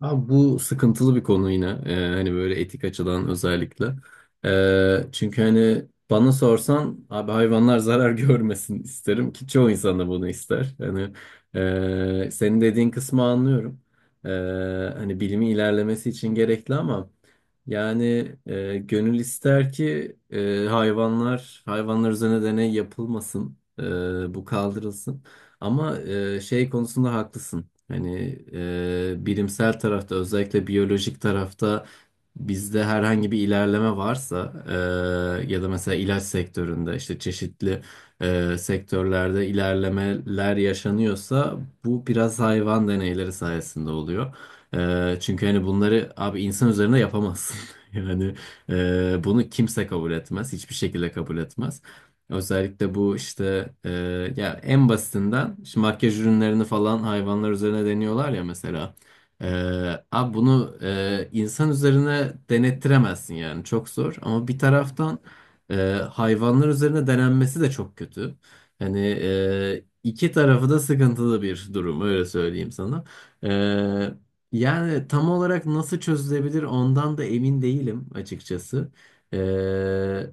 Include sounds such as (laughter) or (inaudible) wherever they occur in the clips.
Abi bu sıkıntılı bir konu yine. Hani böyle etik açıdan özellikle. Çünkü hani bana sorsan abi hayvanlar zarar (laughs) görmesin isterim ki çoğu insan da bunu ister. Hani senin dediğin kısmı anlıyorum. Ee, Hani bilimin ilerlemesi için gerekli ama yani gönül ister ki hayvanlar üzerine deney yapılmasın. Bu kaldırılsın. Ama şey konusunda haklısın. Hani bilimsel tarafta özellikle biyolojik tarafta bizde herhangi bir ilerleme varsa ya da mesela ilaç sektöründe işte çeşitli sektörlerde ilerlemeler yaşanıyorsa bu biraz hayvan deneyleri sayesinde oluyor. Çünkü hani bunları abi insan üzerinde yapamazsın. (laughs) Yani bunu kimse kabul etmez, hiçbir şekilde kabul etmez. Özellikle bu işte ya en basitinden şimdi makyaj ürünlerini falan hayvanlar üzerine deniyorlar ya mesela. E, Abi bunu insan üzerine denettiremezsin yani çok zor. Ama bir taraftan e, hayvanlar üzerine denenmesi de çok kötü. Hani iki tarafı da sıkıntılı bir durum öyle söyleyeyim sana. E, Yani tam olarak nasıl çözülebilir ondan da emin değilim açıkçası. E,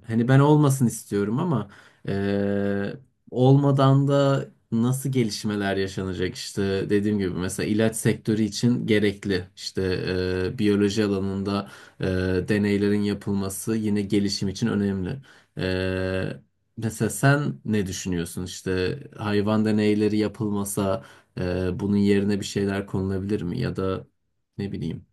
Hani ben olmasın istiyorum ama. Ee, Olmadan da nasıl gelişmeler yaşanacak işte dediğim gibi mesela ilaç sektörü için gerekli işte biyoloji alanında e, deneylerin yapılması yine gelişim için önemli. Ee, Mesela sen ne düşünüyorsun işte hayvan deneyleri yapılmasa bunun yerine bir şeyler konulabilir mi ya da ne bileyim.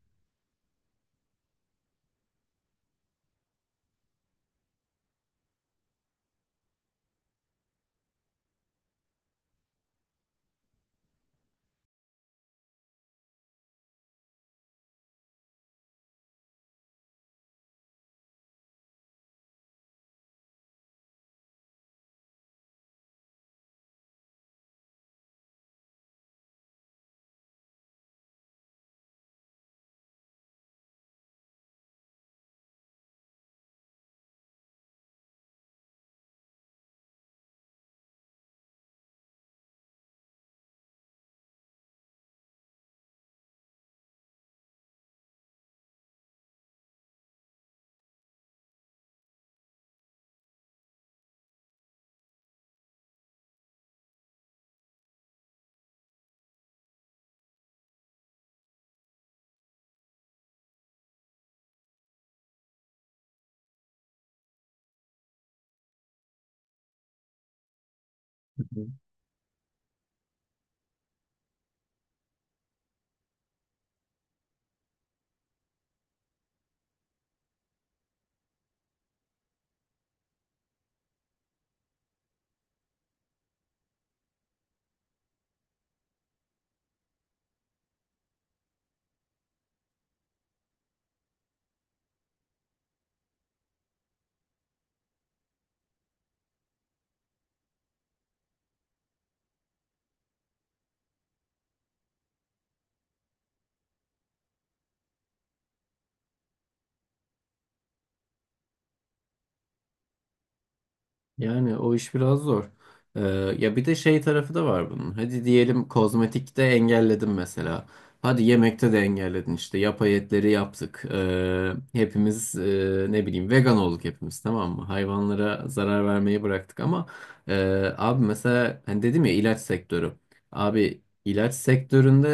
Yani o iş biraz zor. Ee, Ya bir de şey tarafı da var bunun. Hadi diyelim kozmetikte engelledin mesela. Hadi yemekte de engelledin işte. Yapay etleri yaptık. Hepimiz ne bileyim vegan olduk hepimiz, tamam mı? Hayvanlara zarar vermeyi bıraktık ama e, abi mesela hani dedim ya, ilaç sektörü. Abi ilaç sektöründe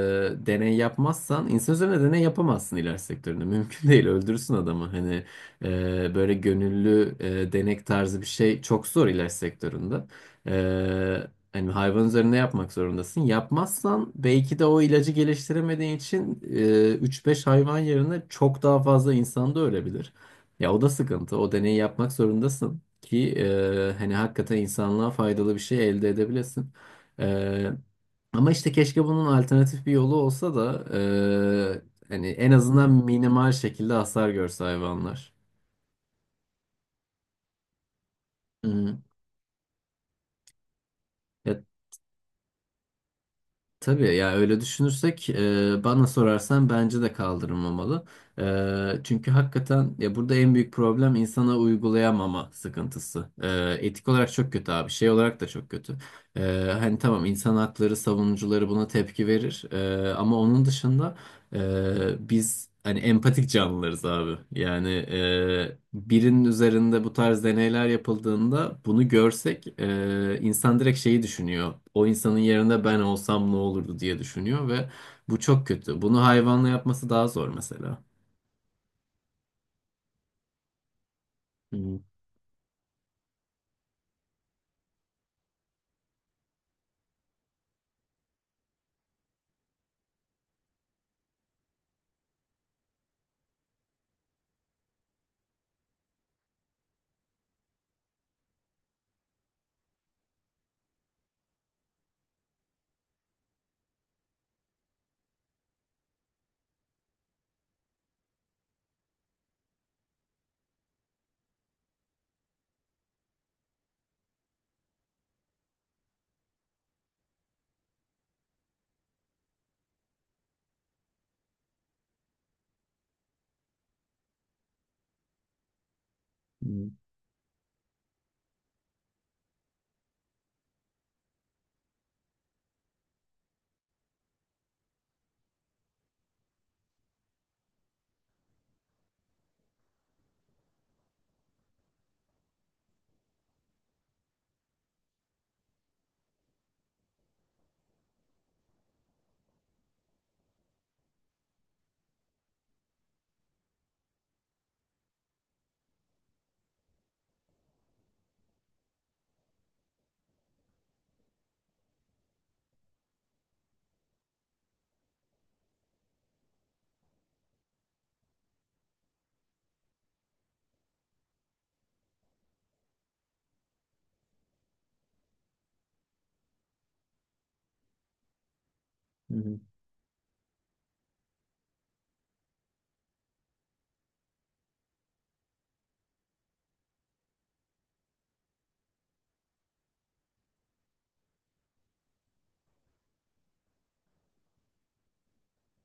deney yapmazsan insan üzerine deney yapamazsın ilaç sektöründe. (laughs) Mümkün değil, öldürürsün adamı. Hani böyle gönüllü denek tarzı bir şey çok zor ilaç sektöründe. Ee, Hani hayvan üzerinde yapmak zorundasın. Yapmazsan belki de o ilacı geliştiremediğin için 3-5 hayvan yerine çok daha fazla insan da ölebilir. Ya o da sıkıntı. O deneyi yapmak zorundasın ki hani hakikaten insanlığa faydalı bir şey elde edebilesin. Ee, Ama işte keşke bunun alternatif bir yolu olsa da hani en azından minimal şekilde hasar görse hayvanlar. Hı. Ya, tabii ya öyle düşünürsek bana sorarsan bence de kaldırılmamalı. Çünkü hakikaten ya burada en büyük problem insana uygulayamama sıkıntısı. Etik olarak çok kötü abi. Şey olarak da çok kötü. E, Hani tamam, insan hakları savunucuları buna tepki verir. Ama onun dışında biz hani empatik canlılarız abi. Yani birinin üzerinde bu tarz deneyler yapıldığında bunu görsek insan direkt şeyi düşünüyor. O insanın yerinde ben olsam ne olurdu diye düşünüyor ve bu çok kötü. Bunu hayvanla yapması daha zor mesela. Hı hı.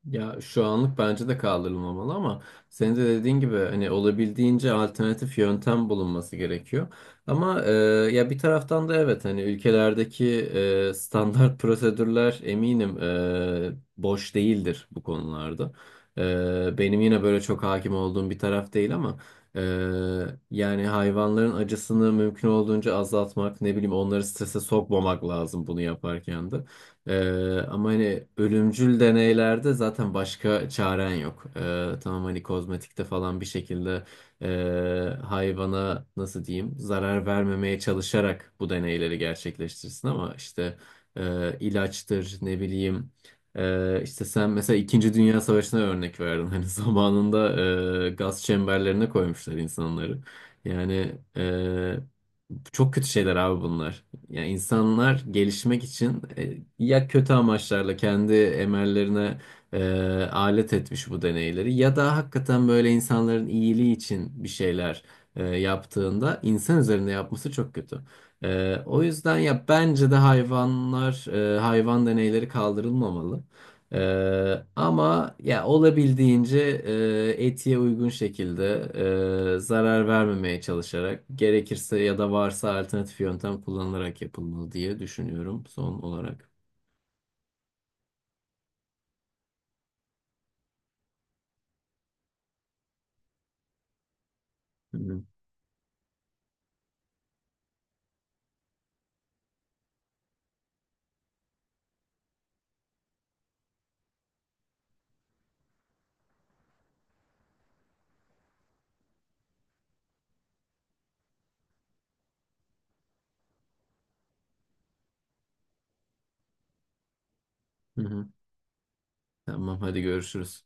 Ya şu anlık bence de kaldırılmamalı ama senin de dediğin gibi hani olabildiğince alternatif yöntem bulunması gerekiyor. Ama ya bir taraftan da evet, hani ülkelerdeki standart (laughs) prosedürler eminim boş değildir bu konularda. Benim yine böyle çok hakim olduğum bir taraf değil ama e, yani hayvanların acısını mümkün olduğunca azaltmak, ne bileyim, onları strese sokmamak lazım bunu yaparken de. Ama hani ölümcül deneylerde zaten başka çaren yok. Tamam, hani kozmetikte falan bir şekilde hayvana nasıl diyeyim zarar vermemeye çalışarak bu deneyleri gerçekleştirsin ama işte ilaçtır, ne bileyim, işte sen mesela İkinci Dünya Savaşı'na örnek verdin. Hani (laughs) zamanında gaz çemberlerine koymuşlar insanları. Yani çok kötü şeyler abi bunlar. Yani insanlar gelişmek için ya kötü amaçlarla kendi emellerine e, alet etmiş bu deneyleri ya da hakikaten böyle insanların iyiliği için bir şeyler yaptığında insan üzerinde yapması çok kötü. O yüzden ya bence de hayvanlar hayvan deneyleri kaldırılmamalı. Ama ya olabildiğince etiğe uygun şekilde zarar vermemeye çalışarak gerekirse ya da varsa alternatif yöntem kullanılarak yapılmalı diye düşünüyorum son olarak. Hı hı. Hı hı. Tamam, hadi görüşürüz.